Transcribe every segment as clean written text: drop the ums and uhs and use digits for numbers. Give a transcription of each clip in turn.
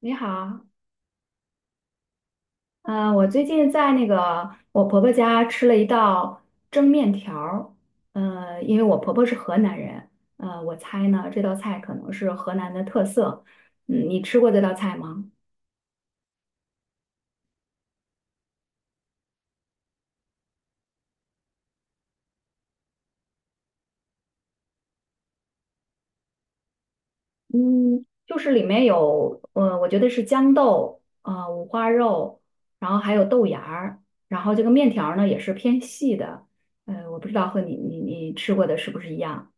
你好，嗯、我最近在那个我婆婆家吃了一道蒸面条儿。因为我婆婆是河南人，我猜呢这道菜可能是河南的特色。你吃过这道菜吗？嗯，就是里面有，我觉得是豇豆，五花肉，然后还有豆芽儿，然后这个面条儿呢也是偏细的。我不知道和你吃过的是不是一样。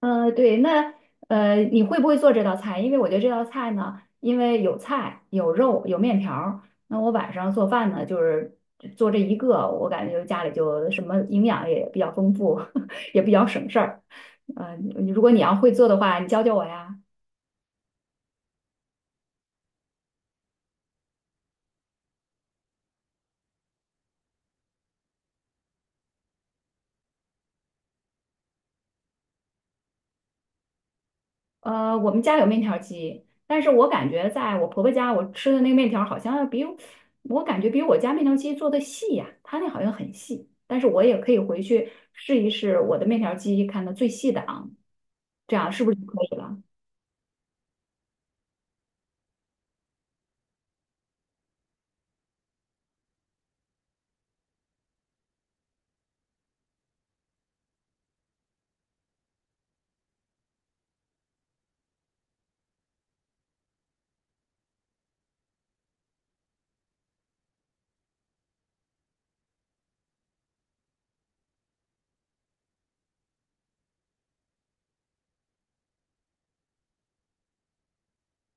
对，那你会不会做这道菜？因为我觉得这道菜呢，因为有菜、有肉、有面条儿，那我晚上做饭呢，就是做这一个，我感觉家里就什么营养也比较丰富，也比较省事儿。嗯，如果你要会做的话，你教教我呀。我们家有面条机，但是我感觉在我婆婆家，我吃的那个面条好像要比我感觉比我家面条机做的细呀、它那好像很细，但是我也可以回去试一试我的面条机，看它最细的啊，这样是不是就可以了？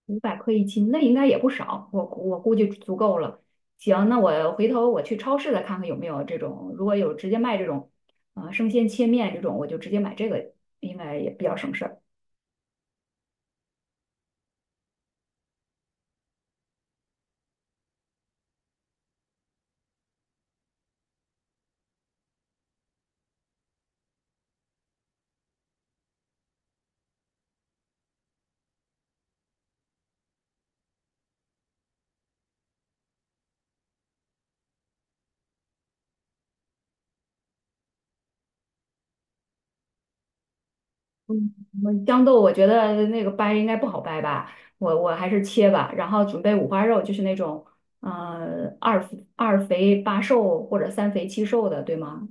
500克1斤，那应该也不少，我估计足够了。行，那我回头我去超市再看看有没有这种，如果有直接卖这种，啊、生鲜切面这种，我就直接买这个，应该也比较省事儿。嗯豇豆我觉得那个掰应该不好掰吧，我还是切吧。然后准备五花肉，就是那种呃二二肥八瘦或者三肥七瘦的，对吗？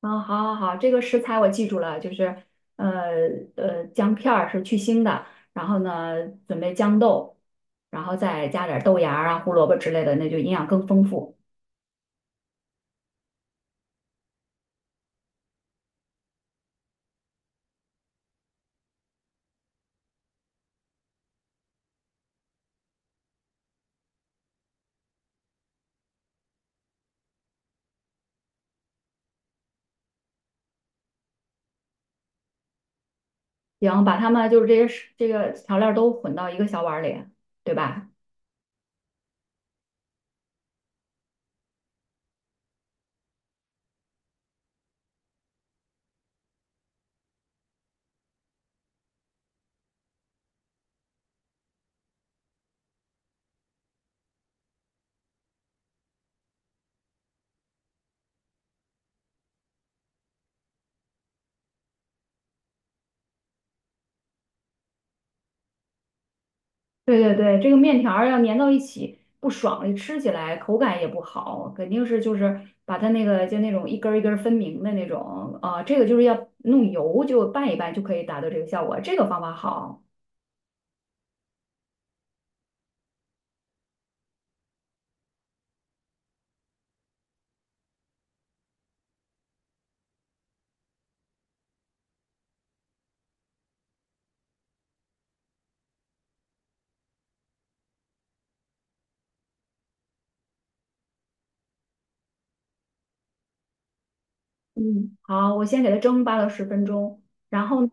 啊，好好好，这个食材我记住了，就是呃姜片儿是去腥的，然后呢准备豇豆，然后再加点儿豆芽儿啊、胡萝卜之类的，那就营养更丰富。行，把它们就是这些食这个调料都混到一个小碗儿里，对吧？对对对，这个面条儿要粘到一起不爽，吃起来口感也不好，肯定是就是把它那个就那种一根儿一根儿分明的那种啊、这个就是要弄油就拌一拌就可以达到这个效果，这个方法好。嗯好，我先给它蒸8到10分钟，然后呢？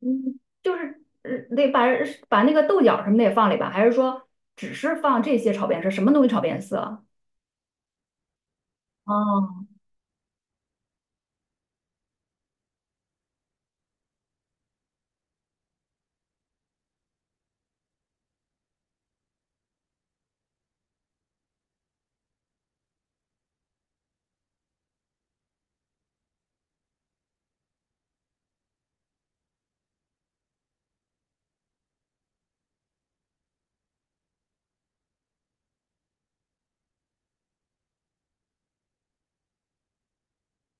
嗯，就是得把那个豆角什么的也放里吧，还是说只是放这些炒变色，什么东西炒变色？哦，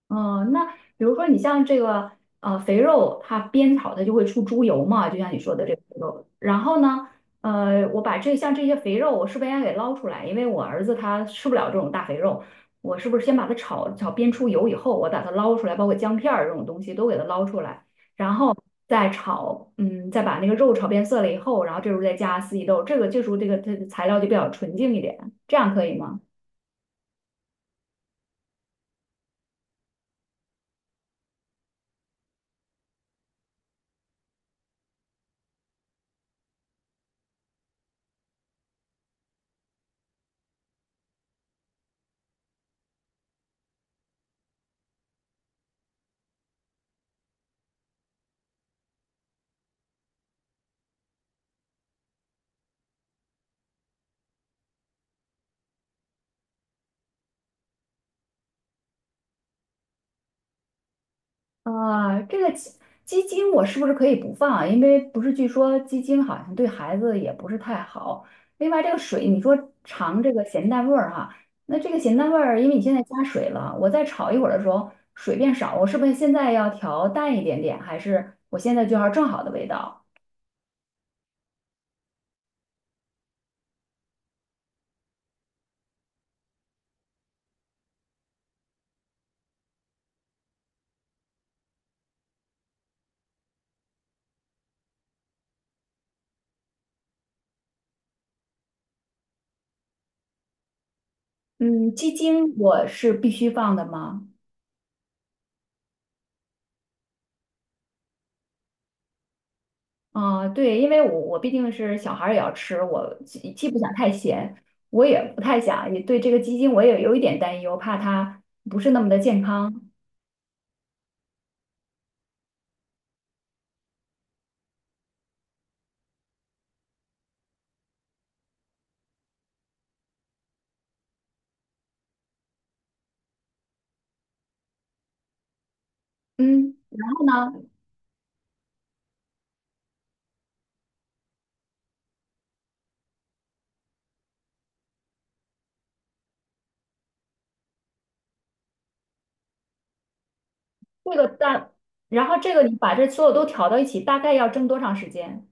嗯，那比如说你像这个肥肉，它煸炒它就会出猪油嘛，就像你说的这个肥肉。然后呢，我把这像这些肥肉，我是不是应该给捞出来？因为我儿子他吃不了这种大肥肉，我是不是先把它炒炒煸出油以后，我把它捞出来，包括姜片儿这种东西都给它捞出来，然后再炒，再把那个肉炒变色了以后，然后这时候再加四季豆，这个这时候这个它的材料就比较纯净一点，这样可以吗？啊，这个鸡精我是不是可以不放啊？因为不是据说鸡精好像对孩子也不是太好。另外，这个水你说尝这个咸淡味儿哈，那这个咸淡味儿，因为你现在加水了，我再炒一会儿的时候水变少，我是不是现在要调淡一点点，还是我现在就要正好的味道？嗯，鸡精我是必须放的吗？啊，对，因为我毕竟是小孩儿也要吃，我既不想太咸，我也不太想，也对这个鸡精我也有一点担忧，怕它不是那么的健康。嗯，然后呢，这个大，然后这个你把这所有都调到一起，大概要蒸多长时间？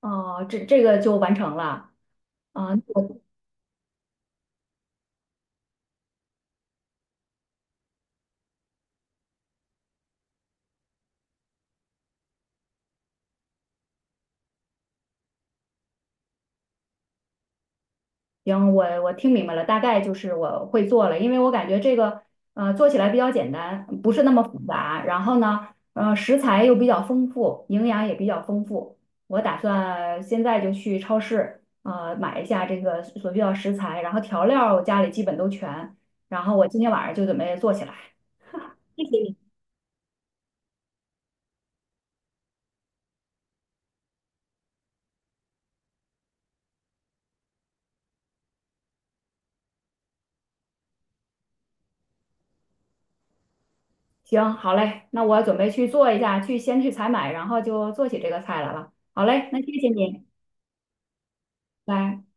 哦、这个就完成了。啊、行，我听明白了，大概就是我会做了，因为我感觉这个做起来比较简单，不是那么复杂。然后呢，食材又比较丰富，营养也比较丰富。我打算现在就去超市买一下这个所需要食材，然后调料我家里基本都全，然后我今天晚上就准备做起来。谢谢你。行，好嘞，那我准备去做一下，去先去采买，然后就做起这个菜来了。好嘞，那谢谢你，拜。